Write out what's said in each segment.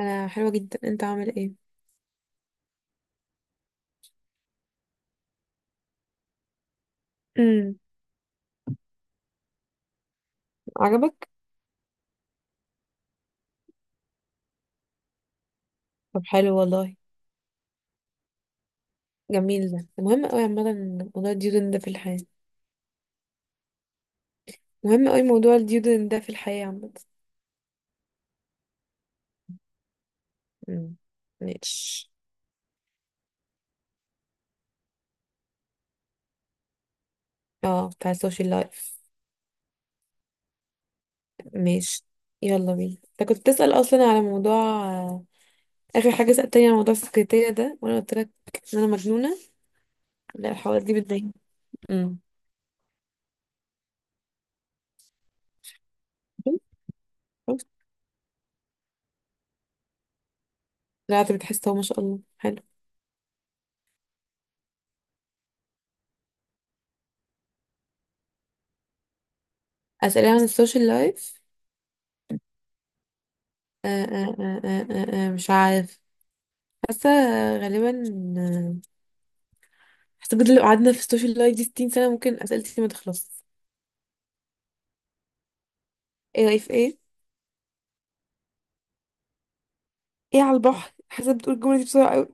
انا حلوه جدا، انت عامل ايه؟ امم عجبك؟ طب حلو والله. جميل، ده مهم قوي عامه. موضوع الديودن ده في الحياه مهم قوي. موضوع الديودن ده في الحياه عامه. امم ماشي. اه، بتاع السوشيال لايف. ماشي، يلا بينا. انت كنت بتسأل اصلا على موضوع. آه، اخر حاجه سألتني على موضوع السكرتيرة ده، وانا قلت لك ان انا مجنونه. لا، الحوارات دي بتضايقني. امم شفت؟ لا، انت بتحس، اهو ما شاء الله حلو. اسئله عن السوشيال لايف. مش عارف. حاسه، غالبا. حاسه بجد لو قعدنا في السوشيال لايف دي 60 سنه ممكن اسئلتي ما تخلص. ايه رايك في ايه؟ ايه على البحر؟ حاسه بتقول الجمله دي بسرعه قوي.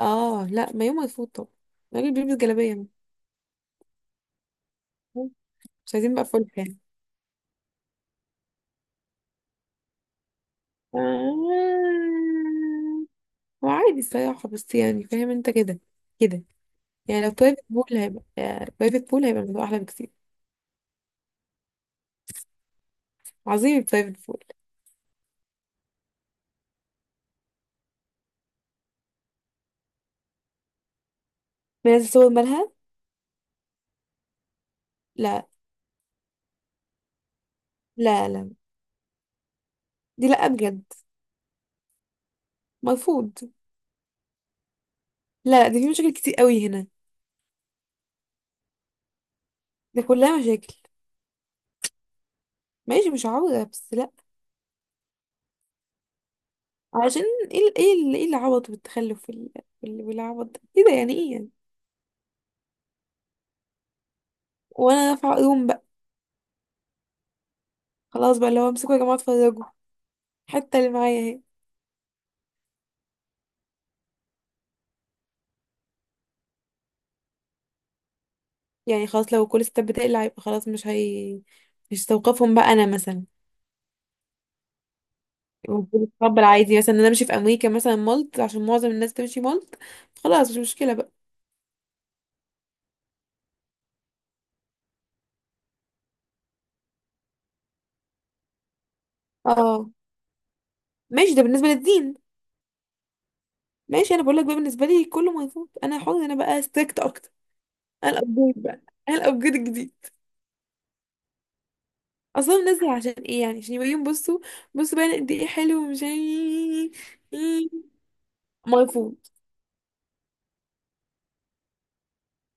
اه لا، ما يوم ما يفوت طبعا. الراجل بيلبس جلابيه. مش عايزين بقى فول يعني. آه، هو عادي الصراحه، بس يعني فاهم انت كده كده يعني. لو برايفت بول هيبقى، برايفت بول هيبقى الموضوع احلى بكتير. عظيم البرايفت بول. منزل صور، مالها؟ لا لا. لا دي لا بجد، مرفوض. لا لا، دي في مشاكل كتير قوي هنا. ده كلها مشاكل. ماشي، مش عوضة، بس لا. علشان ايه العبط والتخلف والعبط ده؟ ايه ده يعني؟ ايه يعني؟ وانا دافعة يوم بقى. خلاص بقى، اللي هو امسكوا يا جماعة اتفرجوا. حتى اللي معايا اهي. يعني خلاص، لو كل ستات بتقلع يبقى خلاص مش هي، مش هستوقفهم بقى انا مثلا. المفروض اتقبل عادي مثلا، ان انا امشي في امريكا مثلا مالت عشان معظم الناس بتمشي مالت. خلاص مش مشكلة بقى. اه ماشي، ده بالنسبة للدين. ماشي، انا بقول لك بقى بالنسبة لي كله مرفوض. انا حر، انا بقى ستريكت اكتر. انا الابجريد بقى، انا الابجريد الجديد. اصلا منزل عشان ايه يعني؟ عشان يبين. بصوا، بصوا بقى أنا قد ايه حلو، ومش عارف إيه. مرفوض.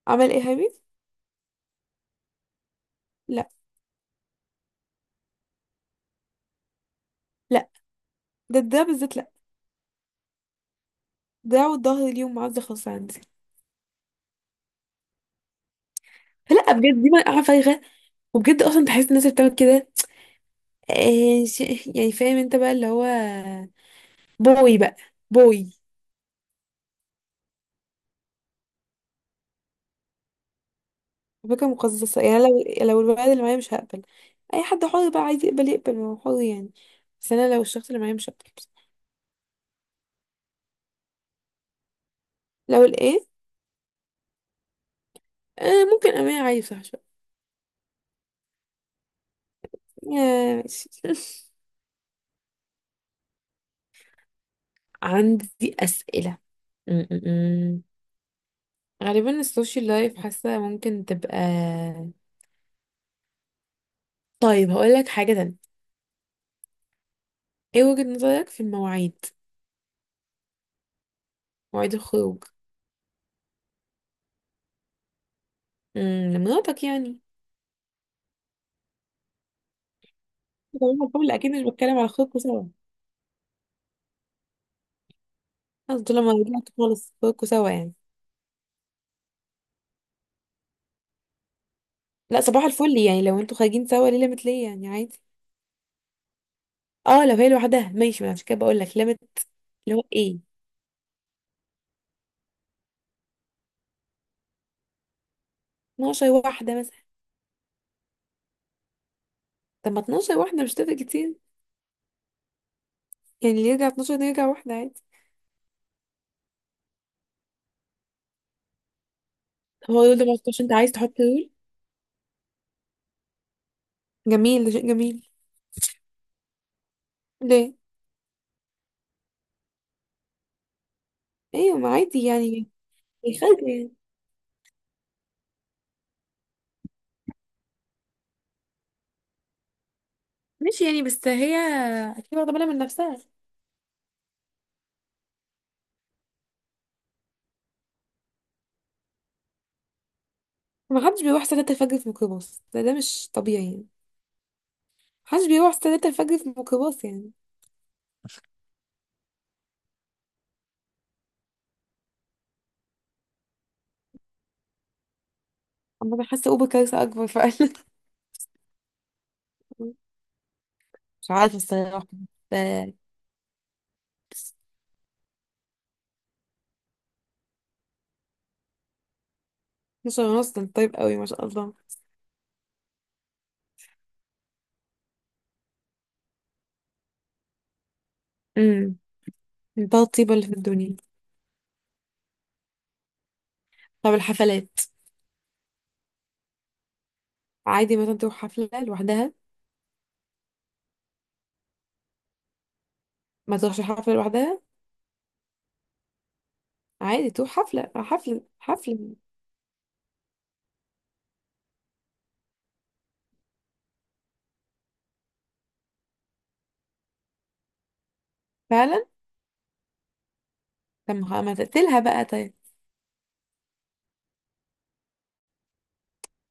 عمل ايه يا حبيبي؟ لا لا، ده ده بالذات لا. ده والظهر اليوم معز خالص عندي. لا بجد، دي مرقعة فايغة. وبجد اصلا بحس الناس اللي بتعمل كده، آه، ش- يعني فاهم انت بقى، اللي هو بوي بقى، بوي. فكرة مقززة يعني. لو الولد اللي معايا، مش هقبل. اي حد حر بقى، عايز يقبل يقبل، ما هو حر يعني. بس انا لو الشخص اللي معايا مش هقبل. لو الايه؟ آه، ممكن امانة عادي، صح. يا ماشي عندي أسئلة. م- م- م. غالبا السوشيال لايف حاسة ممكن تبقى. طيب، هقول لك حاجة تانية. ايه وجهة نظرك في المواعيد؟ مواعيد الخروج. م، لمراتك يعني. طبعا الفل، أكيد مش بتكلم على خروجكوا سوا. قصدي لما رجعت خالص، خروجكوا سوا يعني. لا صباح الفل، يعني لو انتوا خارجين سوا ليه ليميت؟ ليه يعني؟ عادي. اه، لو هي لوحدها ماشي. ما أنا عشان كده بقول لك ليميت. اللي هو ايه؟ 12 واحدة مثلا. طب ما 12 واحدة مش تفرق كتير يعني. اللي يرجع 12 ده يرجع واحدة عادي. هو لون دمشق انت عايز تحط لون؟ جميل، ده شيء جميل. ليه؟ ايوه، ما عادي يعني، يخلق يعني. ماشي يعني، بس هي اكيد واخده بالها من نفسها. ما حدش بيروح الساعة 3 الفجر في ميكروباص ده، ده مش طبيعي يعني. ما حدش بيروح الساعة 3 الفجر في ميكروباص يعني. اما انا حاسة اوبر كارثة اكبر فعلا مش عارفة الصراحة. بس 12 ونص ده طيب قوي ما شاء الله. امم ده الطيبة اللي في الدنيا. طب الحفلات؟ عادي مثلا تروح حفلة لوحدها؟ ما تروحش حفلة لوحدها. عادي تروح حفلة حفلة حفلة. فعلا. طب ما ما تقتلها بقى طيب.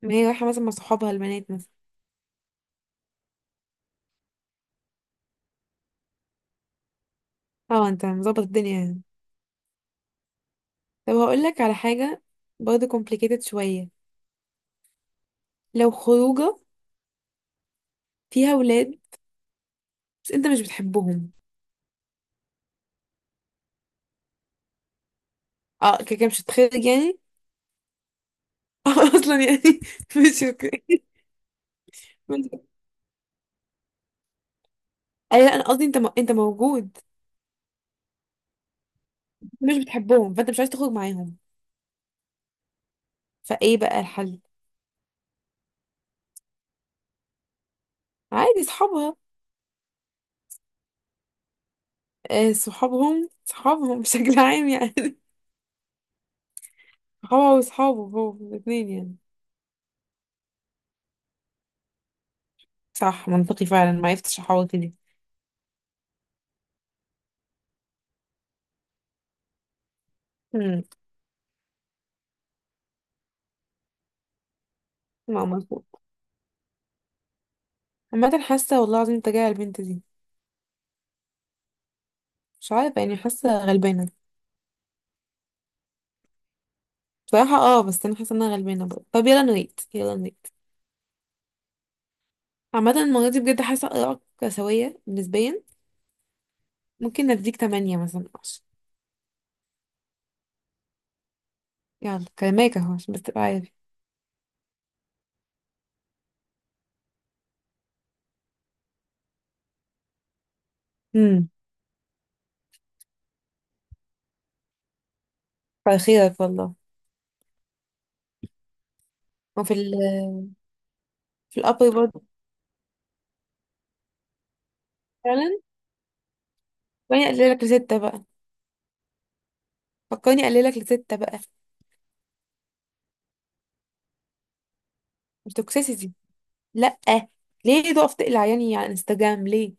ما هي رايحة مثلا مع صحابها البنات مثلا. اه، انت مظبط الدنيا يعني. طب هقول لك على حاجة، برضه complicated شوية. لو خروجة فيها ولاد، بس انت مش بتحبهم. اه، كده كده مش هتخرج يعني. اه، اصلا يعني. مش اوكي. اي لا، انا قصدي انت م... انت موجود. انت مش بتحبهم، فانت مش عايز تخرج معاهم. فايه بقى الحل؟ عادي صحابها. آه، صحابهم صحابهم بشكل عام يعني. صحابها وصحابه هو الاثنين يعني. صح، منطقي فعلا، ما عرفتش احوط دي. امم لا مظبوط. عامة، حاسة والله العظيم تجاه البنت دي. مش عارفة يعني، حاسة غلبانة. بصراحة اه، بس انا حاسة ان انا غلبانة برضه. طب يلا نويت، يلا نويت. عامة المرة دي بجد حاسة آرائك سوية نسبيا. ممكن نديك تمانية مثلا، عشرة. يلا كلماك اهو عشان بس تبقى عارف. امم كتر خيرك والله. وفي ال في الابر برضه. فعلا. فكرني اقللك لستة بقى. فكرني اقللك لستة بقى. مش توكسيسيتي؟ لأ. ليه تقف تقلع عياني على انستجرام ليه؟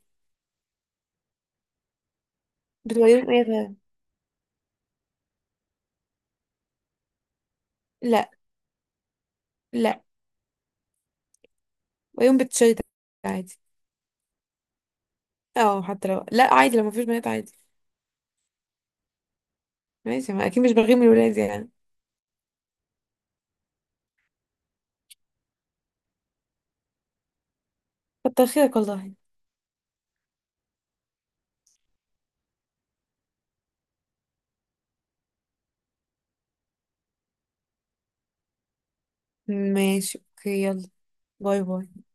بتوريهم ايه؟ لا لا، ويوم بتشيط. عادي. اه حتى لو لا، عادي لو مفيش بنات عادي. ماشي، ما اكيد مش بغير من الولاد يعني. كتر خيرك والله. ماشي اوكي، يلا. باي باي.